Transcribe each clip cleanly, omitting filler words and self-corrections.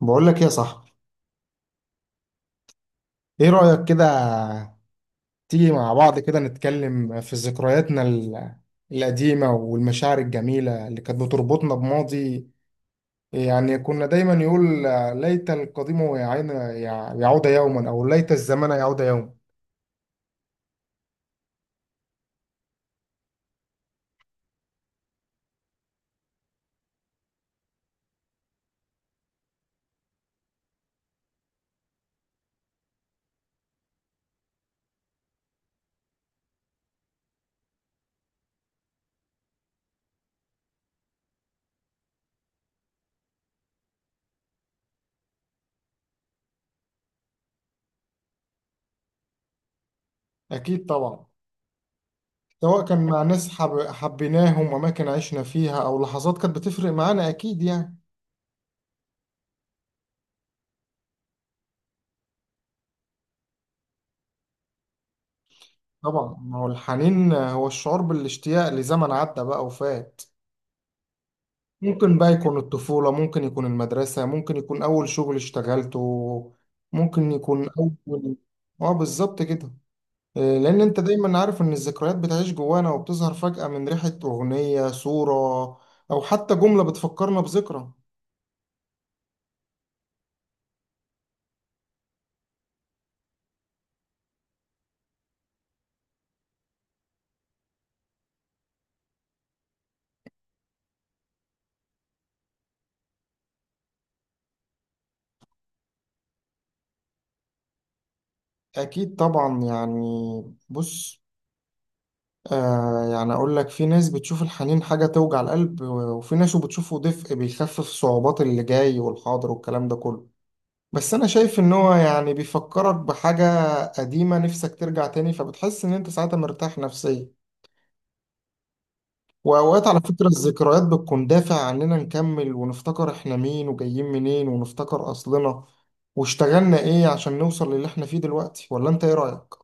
بقول لك يا صاحبي، ايه رأيك كده؟ تيجي مع بعض كده نتكلم في ذكرياتنا القديمة والمشاعر الجميلة اللي كانت بتربطنا بماضي. يعني كنا دايما يقول ليت القديم يعين يعود يوما او ليت الزمن يعود يوما. اكيد طبعا. سواء كان مع ناس حبيناهم واماكن عشنا فيها او لحظات كانت بتفرق معانا اكيد يعني. طبعا ما هو الحنين هو الشعور بالاشتياق لزمن عدى بقى وفات. ممكن بقى يكون الطفولة، ممكن يكون المدرسة، ممكن يكون أول شغل اشتغلته، ممكن يكون أول… اه بالظبط كده. لأن أنت دايما عارف إن الذكريات بتعيش جوانا وبتظهر فجأة من ريحة أغنية صورة أو حتى جملة بتفكرنا بذكرى. أكيد طبعا يعني. بص، يعني أقول لك في ناس بتشوف الحنين حاجة توجع القلب وفي ناس بتشوفه دفء بيخفف صعوبات اللي جاي والحاضر والكلام ده كله. بس انا شايف ان هو يعني بيفكرك بحاجة قديمة نفسك ترجع تاني، فبتحس ان انت ساعتها مرتاح نفسيا. واوقات على فكرة الذكريات بتكون دافع عننا نكمل ونفتكر احنا مين وجايين منين، ونفتكر اصلنا واشتغلنا ايه عشان نوصل للي احنا فيه دلوقتي. ولا انت ايه رأيك؟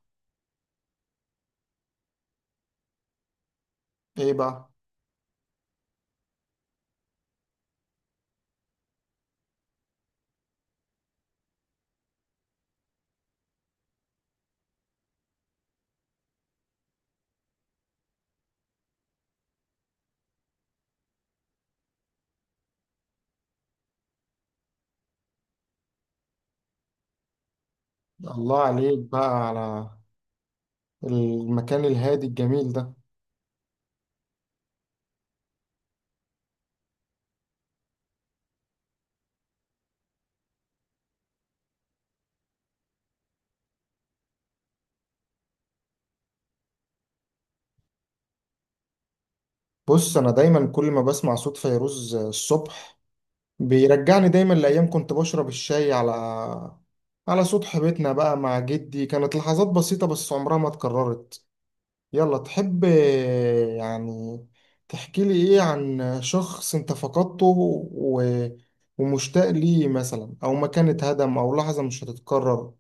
ايه بقى؟ الله عليك بقى على المكان الهادي الجميل ده. بص، انا دايما كل ما بسمع صوت فيروز الصبح بيرجعني دايما لأيام كنت بشرب الشاي على سطح بيتنا بقى مع جدي. كانت لحظات بسيطة بس عمرها ما اتكررت. يلا، تحب يعني تحكي لي ايه عن شخص انت فقدته ومشتاق ليه مثلا، او مكان اتهدم، او لحظة مش هتتكرر؟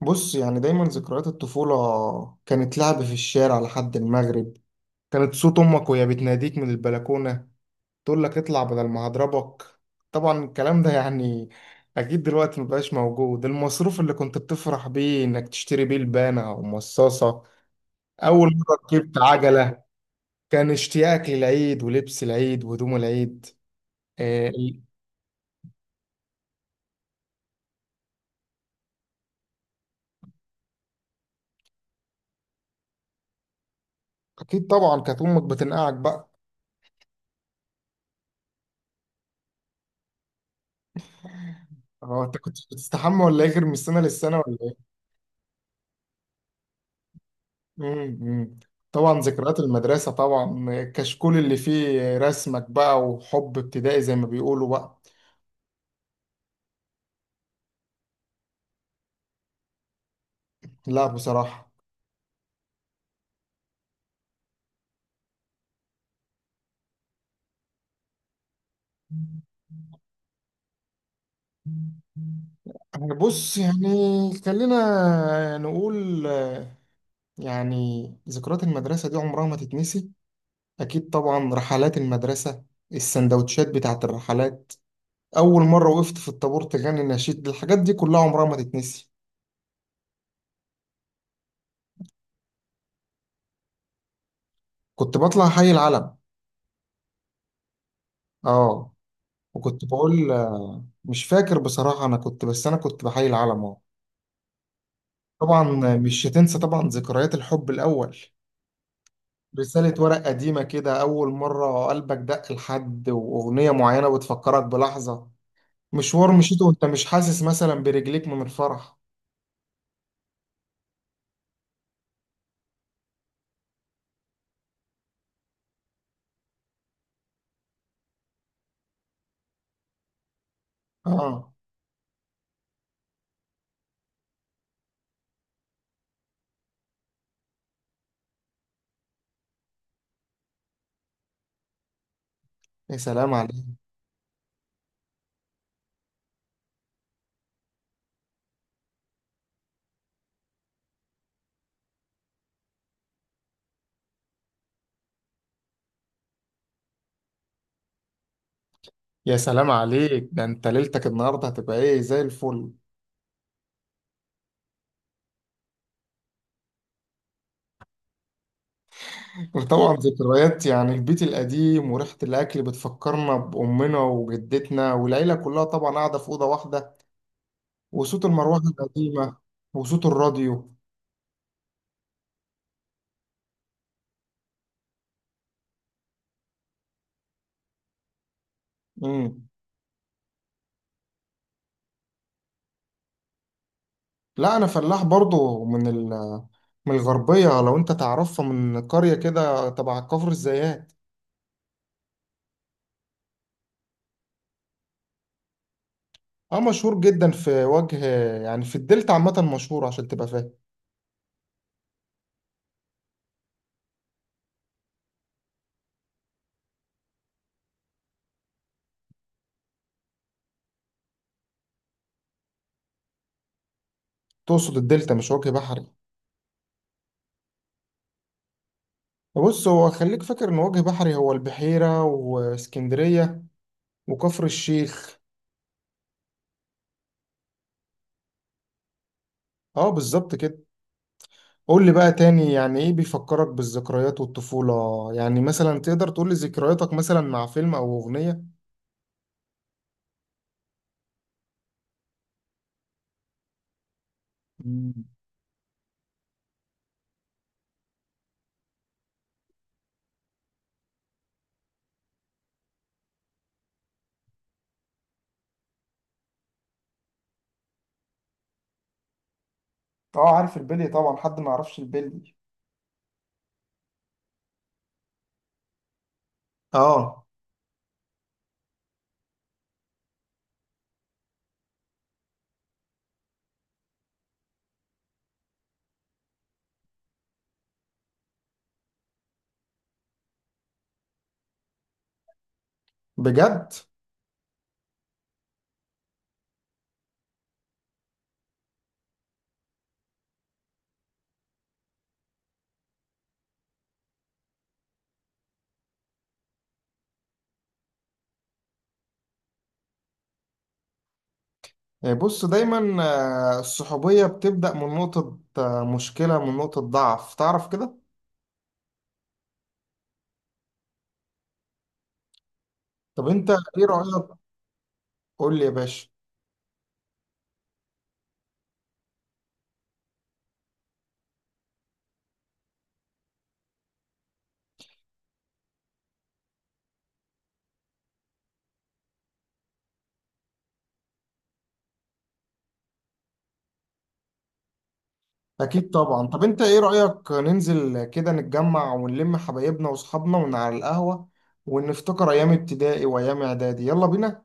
بص، يعني دايما ذكريات الطفولة كانت لعب في الشارع لحد المغرب، كانت صوت امك وهي بتناديك من البلكونة تقول لك اطلع بدل ما هضربك. طبعا الكلام ده يعني اكيد دلوقتي مبقاش موجود. المصروف اللي كنت بتفرح بيه انك تشتري بيه لبانة او مصاصة، اول مرة ركبت عجلة، كان اشتياقك للعيد ولبس العيد وهدوم العيد. آه، ال- اكيد طبعا، كانت امك بتنقعك بقى. هو انت كنت بتستحمى ولا ايه، غير من السنة للسنة ولا ايه؟ مم، مم. طبعا ذكريات المدرسة، طبعا الكشكول اللي فيه رسمك بقى وحب ابتدائي زي ما بيقولوا بقى. لا بصراحة. يعني بص، يعني خلينا نقول، يعني ذكريات المدرسة دي عمرها ما تتنسي. أكيد طبعا رحلات المدرسة، السندوتشات بتاعت الرحلات، أول مرة وقفت في الطابور تغني النشيد، الحاجات دي كلها عمرها ما تتنسي. كنت بطلع حي العلم. اه. وكنت بقول، مش فاكر بصراحة، أنا كنت، بس أنا كنت بحي العلم، اه. طبعا مش هتنسى طبعا ذكريات الحب الأول. رسالة ورق قديمة كده، أول مرة قلبك دق لحد، وأغنية معينة بتفكرك بلحظة، مشوار مشيته وأنت مش حاسس مثلا برجليك من الفرح. آه. يا سلام عليك. يا سلام عليك، ده أنت ليلتك النهاردة هتبقى إيه، زي الفل. وطبعا ذكريات يعني البيت القديم وريحة الأكل بتفكرنا بأمنا وجدتنا والعيلة كلها، طبعا قاعدة في أوضة واحدة، وصوت المروحة القديمة وصوت الراديو. مم. لا انا فلاح برضو من الغربيه، لو انت تعرفها، من قريه كده تبع كفر الزيات. اه مشهور جدا في وجه، يعني في الدلتا عامه مشهور عشان تبقى فاهم. تقصد الدلتا مش وجه بحري؟ بص، هو خليك فاكر ان وجه بحري هو البحيره واسكندريه وكفر الشيخ. اه بالظبط كده. قول لي بقى تاني، يعني ايه بيفكرك بالذكريات والطفوله؟ يعني مثلا تقدر تقول لي ذكرياتك مثلا مع فيلم او اغنيه؟ مم. اه عارف البلي طبعا، حد ما يعرفش البلي؟ اه. بجد؟ يعني بص، دايما الصحوبية بتبدأ من نقطة، مشكلة، من نقطة ضعف، تعرف كده. طب انت ايه رأيك؟ قول لي يا باشا. اكيد طبعا. طب انت ايه رأيك ننزل كده نتجمع ونلم حبايبنا واصحابنا ون على القهوة ونفتكر ايام ابتدائي وايام اعدادي؟ يلا بينا.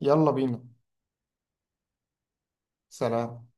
يلا بينا. سلام.